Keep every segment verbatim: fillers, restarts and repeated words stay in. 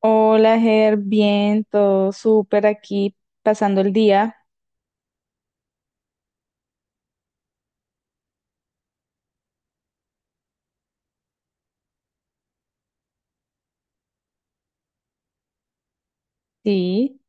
Hola, Ger, bien, todo súper aquí, pasando el día. Sí,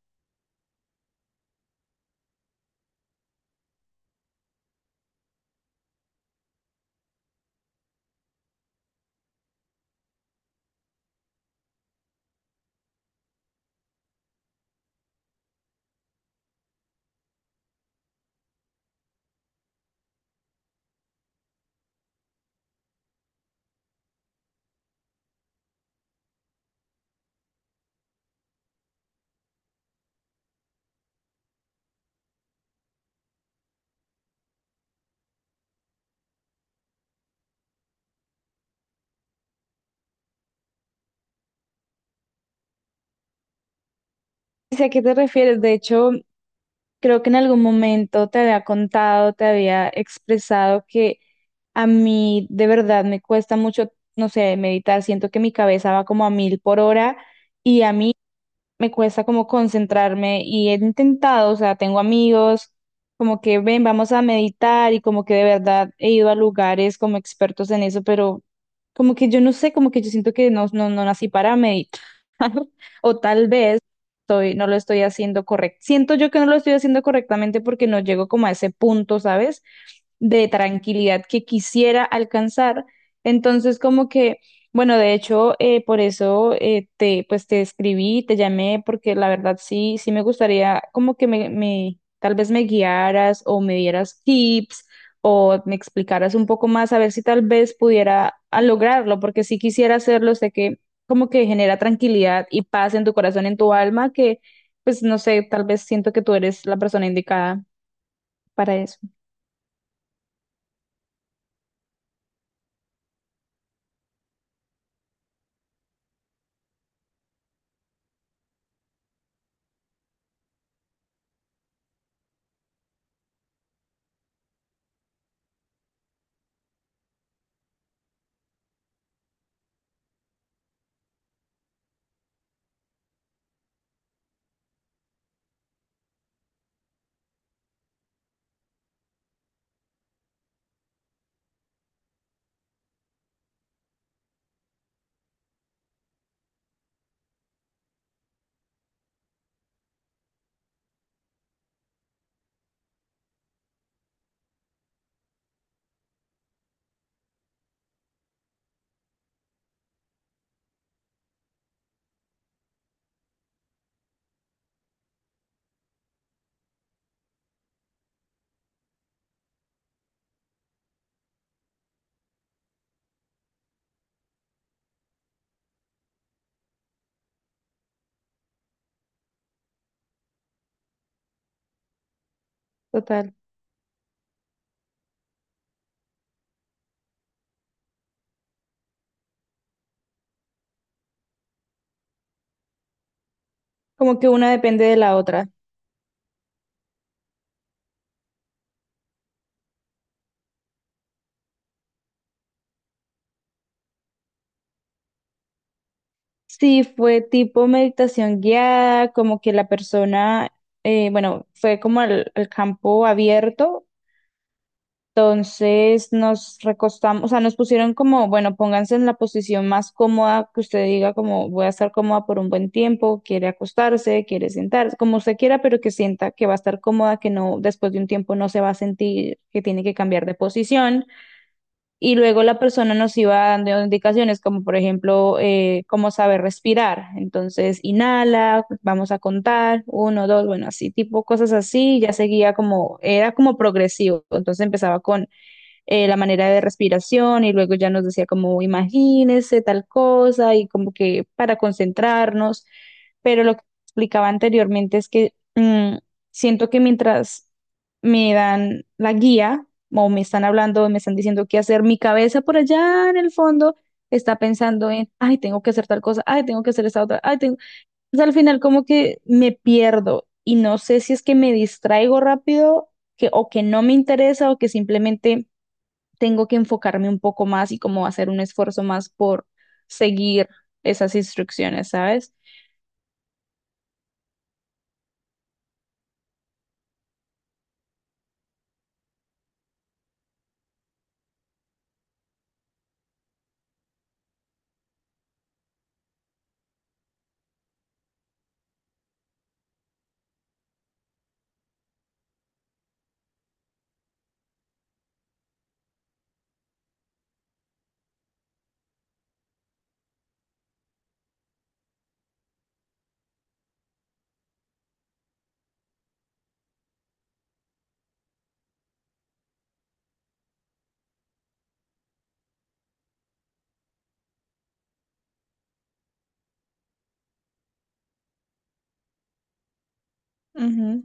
sé a qué te refieres. De hecho, creo que en algún momento te había contado, te había expresado que a mí de verdad me cuesta mucho, no sé, meditar. Siento que mi cabeza va como a mil por hora y a mí me cuesta como concentrarme y he intentado, o sea, tengo amigos como que ven, vamos a meditar y como que de verdad he ido a lugares como expertos en eso, pero como que yo no sé, como que yo siento que no, no, no nací para meditar o tal vez estoy, no lo estoy haciendo correcto. Siento yo que no lo estoy haciendo correctamente porque no llego como a ese punto, ¿sabes? De tranquilidad que quisiera alcanzar. Entonces, como que, bueno, de hecho, eh, por eso eh, te, pues te escribí, te llamé, porque la verdad sí, sí me gustaría como que me, me, tal vez me guiaras o me dieras tips o me explicaras un poco más a ver si tal vez pudiera ah, lograrlo, porque si quisiera hacerlo, sé que como que genera tranquilidad y paz en tu corazón, en tu alma, que pues no sé, tal vez siento que tú eres la persona indicada para eso. Total. Como que una depende de la otra. Sí, fue tipo meditación guiada, como que la persona, eh, bueno, fue como el, el campo abierto, entonces nos recostamos, o sea, nos pusieron como, bueno, pónganse en la posición más cómoda que usted diga, como voy a estar cómoda por un buen tiempo, quiere acostarse, quiere sentarse, como usted quiera, pero que sienta que va a estar cómoda, que no, después de un tiempo no se va a sentir que tiene que cambiar de posición. Y luego la persona nos iba dando indicaciones como por ejemplo eh, cómo saber respirar. Entonces, inhala, vamos a contar, uno, dos, bueno, así, tipo cosas así, ya seguía como, era como progresivo. Entonces empezaba con eh, la manera de respiración y luego ya nos decía como imagínese tal cosa y como que para concentrarnos, pero lo que explicaba anteriormente es que mm, siento que mientras me dan la guía o me están hablando, me están diciendo qué hacer, mi cabeza por allá en el fondo está pensando en, ay, tengo que hacer tal cosa, ay, tengo que hacer esta otra, ay, tengo... Entonces, al final como que me pierdo y no sé si es que me distraigo rápido que, o que no me interesa o que simplemente tengo que enfocarme un poco más y como hacer un esfuerzo más por seguir esas instrucciones, ¿sabes? Ujú,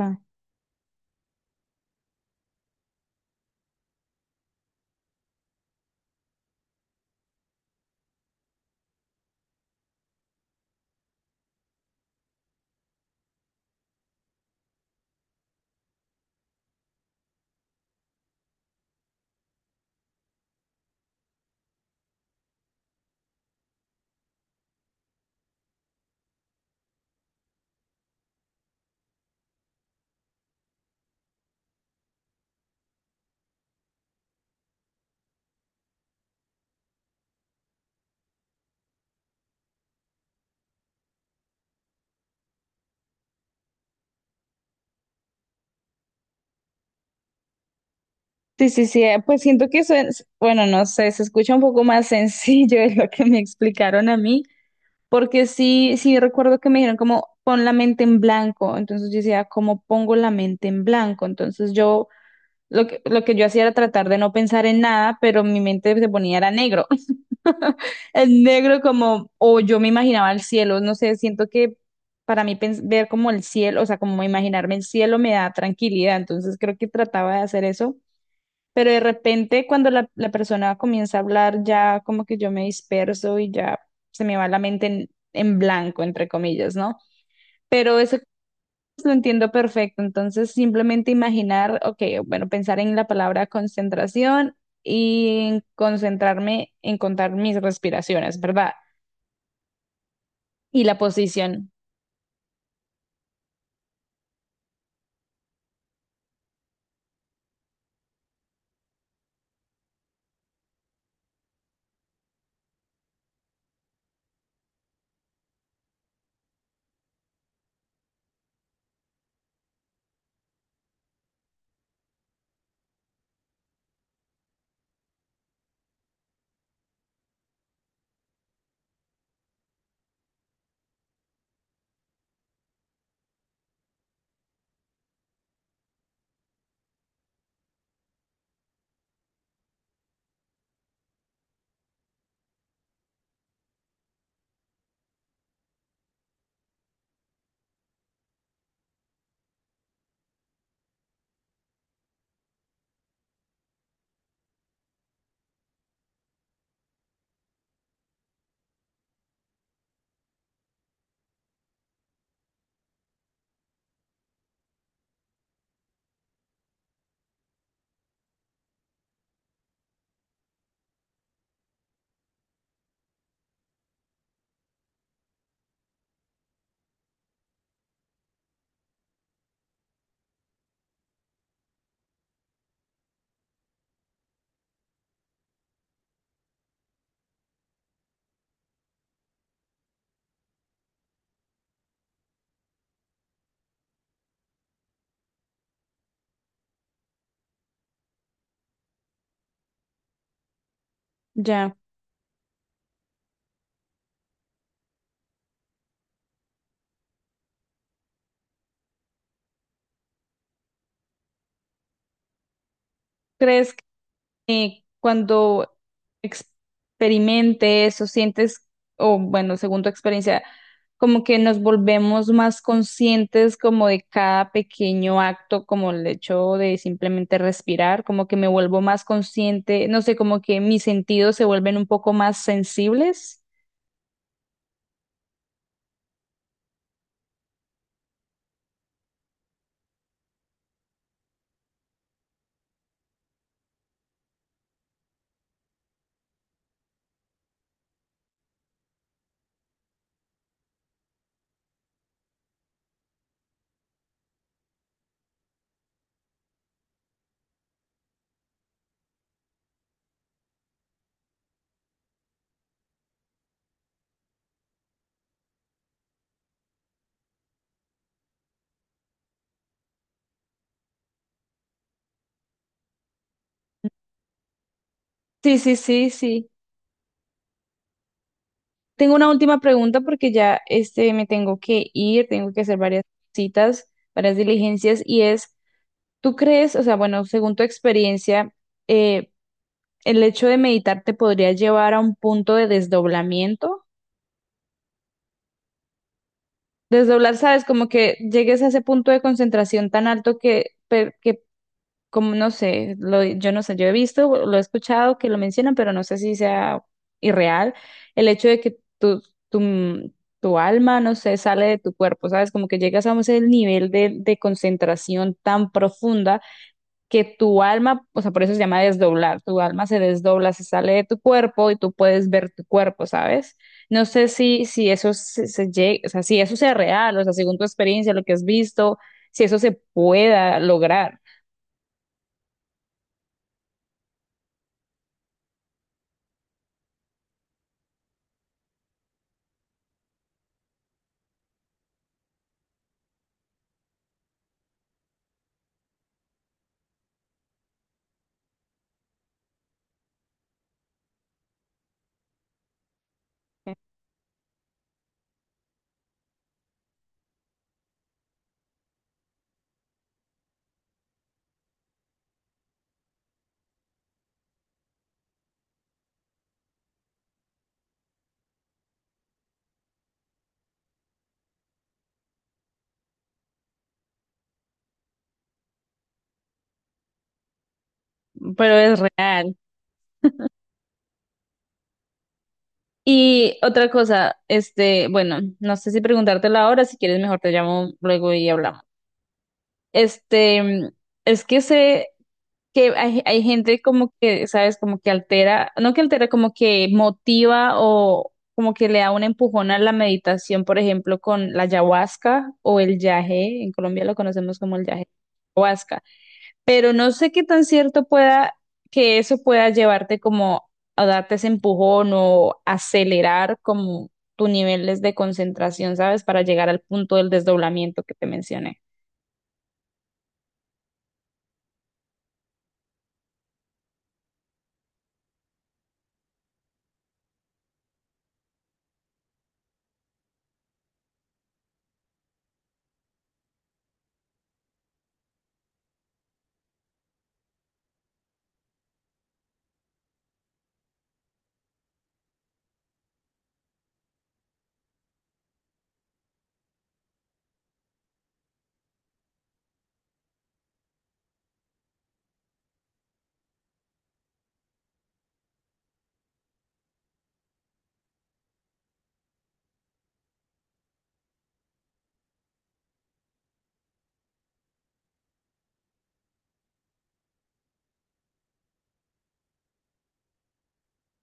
va. Sí, sí, sí, eh, pues siento que eso es, bueno, no sé, se escucha un poco más sencillo de lo que me explicaron a mí, porque sí, sí recuerdo que me dijeron como pon la mente en blanco, entonces yo decía, ¿cómo pongo la mente en blanco? Entonces yo, lo que, lo que yo hacía era tratar de no pensar en nada, pero mi mente se ponía era negro. Es negro como, o yo me imaginaba el cielo, no sé, siento que para mí pens- ver como el cielo, o sea, como imaginarme el cielo me da tranquilidad, entonces creo que trataba de hacer eso, pero de repente cuando la, la persona comienza a hablar ya como que yo me disperso y ya se me va la mente en, en blanco, entre comillas, ¿no? Pero eso lo entiendo perfecto, entonces simplemente imaginar, ok, bueno, pensar en la palabra concentración y en concentrarme en contar mis respiraciones, ¿verdad? Y la posición. Ya. ¿Crees que cuando experimentes o sientes, o bueno, según tu experiencia, como que nos volvemos más conscientes como de cada pequeño acto, como el hecho de simplemente respirar, como que me vuelvo más consciente, no sé, como que mis sentidos se vuelven un poco más sensibles? Sí, sí, sí, sí. Tengo una última pregunta porque ya este me tengo que ir, tengo que hacer varias citas, varias diligencias y es ¿tú crees, o sea, bueno, según tu experiencia, eh, el hecho de meditar te podría llevar a un punto de desdoblamiento? Desdoblar, ¿sabes? Como que llegues a ese punto de concentración tan alto que, pe- que como no sé, lo- yo no sé, yo he visto, lo he escuchado que lo mencionan, pero no sé si sea irreal, el hecho de que tu, tu, mm, tu alma, no sé, sale de tu cuerpo, ¿sabes? Como que llegas a ese nivel de, de concentración tan profunda que tu alma, o sea, por eso se llama desdoblar, tu alma se desdobla, se sale de tu cuerpo y tú puedes ver tu cuerpo, ¿sabes? No sé si, si eso se, se llegue- o sea, si eso sea real, o sea, según tu experiencia, lo que has visto, si eso se pueda lograr, pero es real. Y otra cosa, este, bueno, no sé si preguntártela ahora, si quieres mejor te llamo luego y hablamos. Este, es que se que hay, hay gente como que, ¿sabes? Como que altera, no que altera, como que motiva o como que le da un empujón a la meditación, por ejemplo, con la ayahuasca o el yagé, en Colombia lo conocemos como el yagé, ayahuasca, pero no sé qué tan cierto pueda que eso pueda llevarte como a darte ese empujón o acelerar como tus niveles de concentración, ¿sabes? Para llegar al punto del desdoblamiento que te mencioné.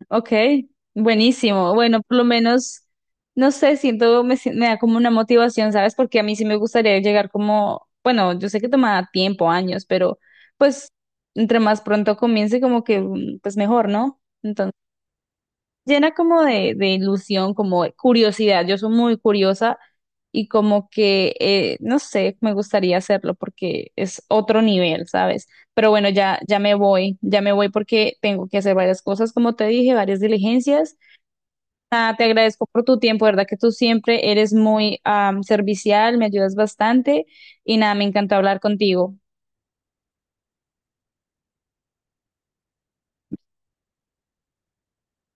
Ok, buenísimo. Bueno, por lo menos, no sé, siento, me, si- me da como una motivación, ¿sabes? Porque a mí sí me gustaría llegar como, bueno, yo sé que toma tiempo, años, pero pues entre más pronto comience, como que, mm, pues mejor, ¿no? Llena como de, de ilusión, como de curiosidad. Yo soy muy curiosa y como que, eh, no sé, me gustaría hacerlo porque es otro nivel, ¿sabes? Pero bueno, ya, ya me voy, ya me voy porque tengo que hacer varias cosas, como te dije, varias diligencias. Nada, te agradezco por tu tiempo, ¿verdad? Que tú siempre eres muy am, servicial, me ayudas bastante y nada, me encantó hablar contigo.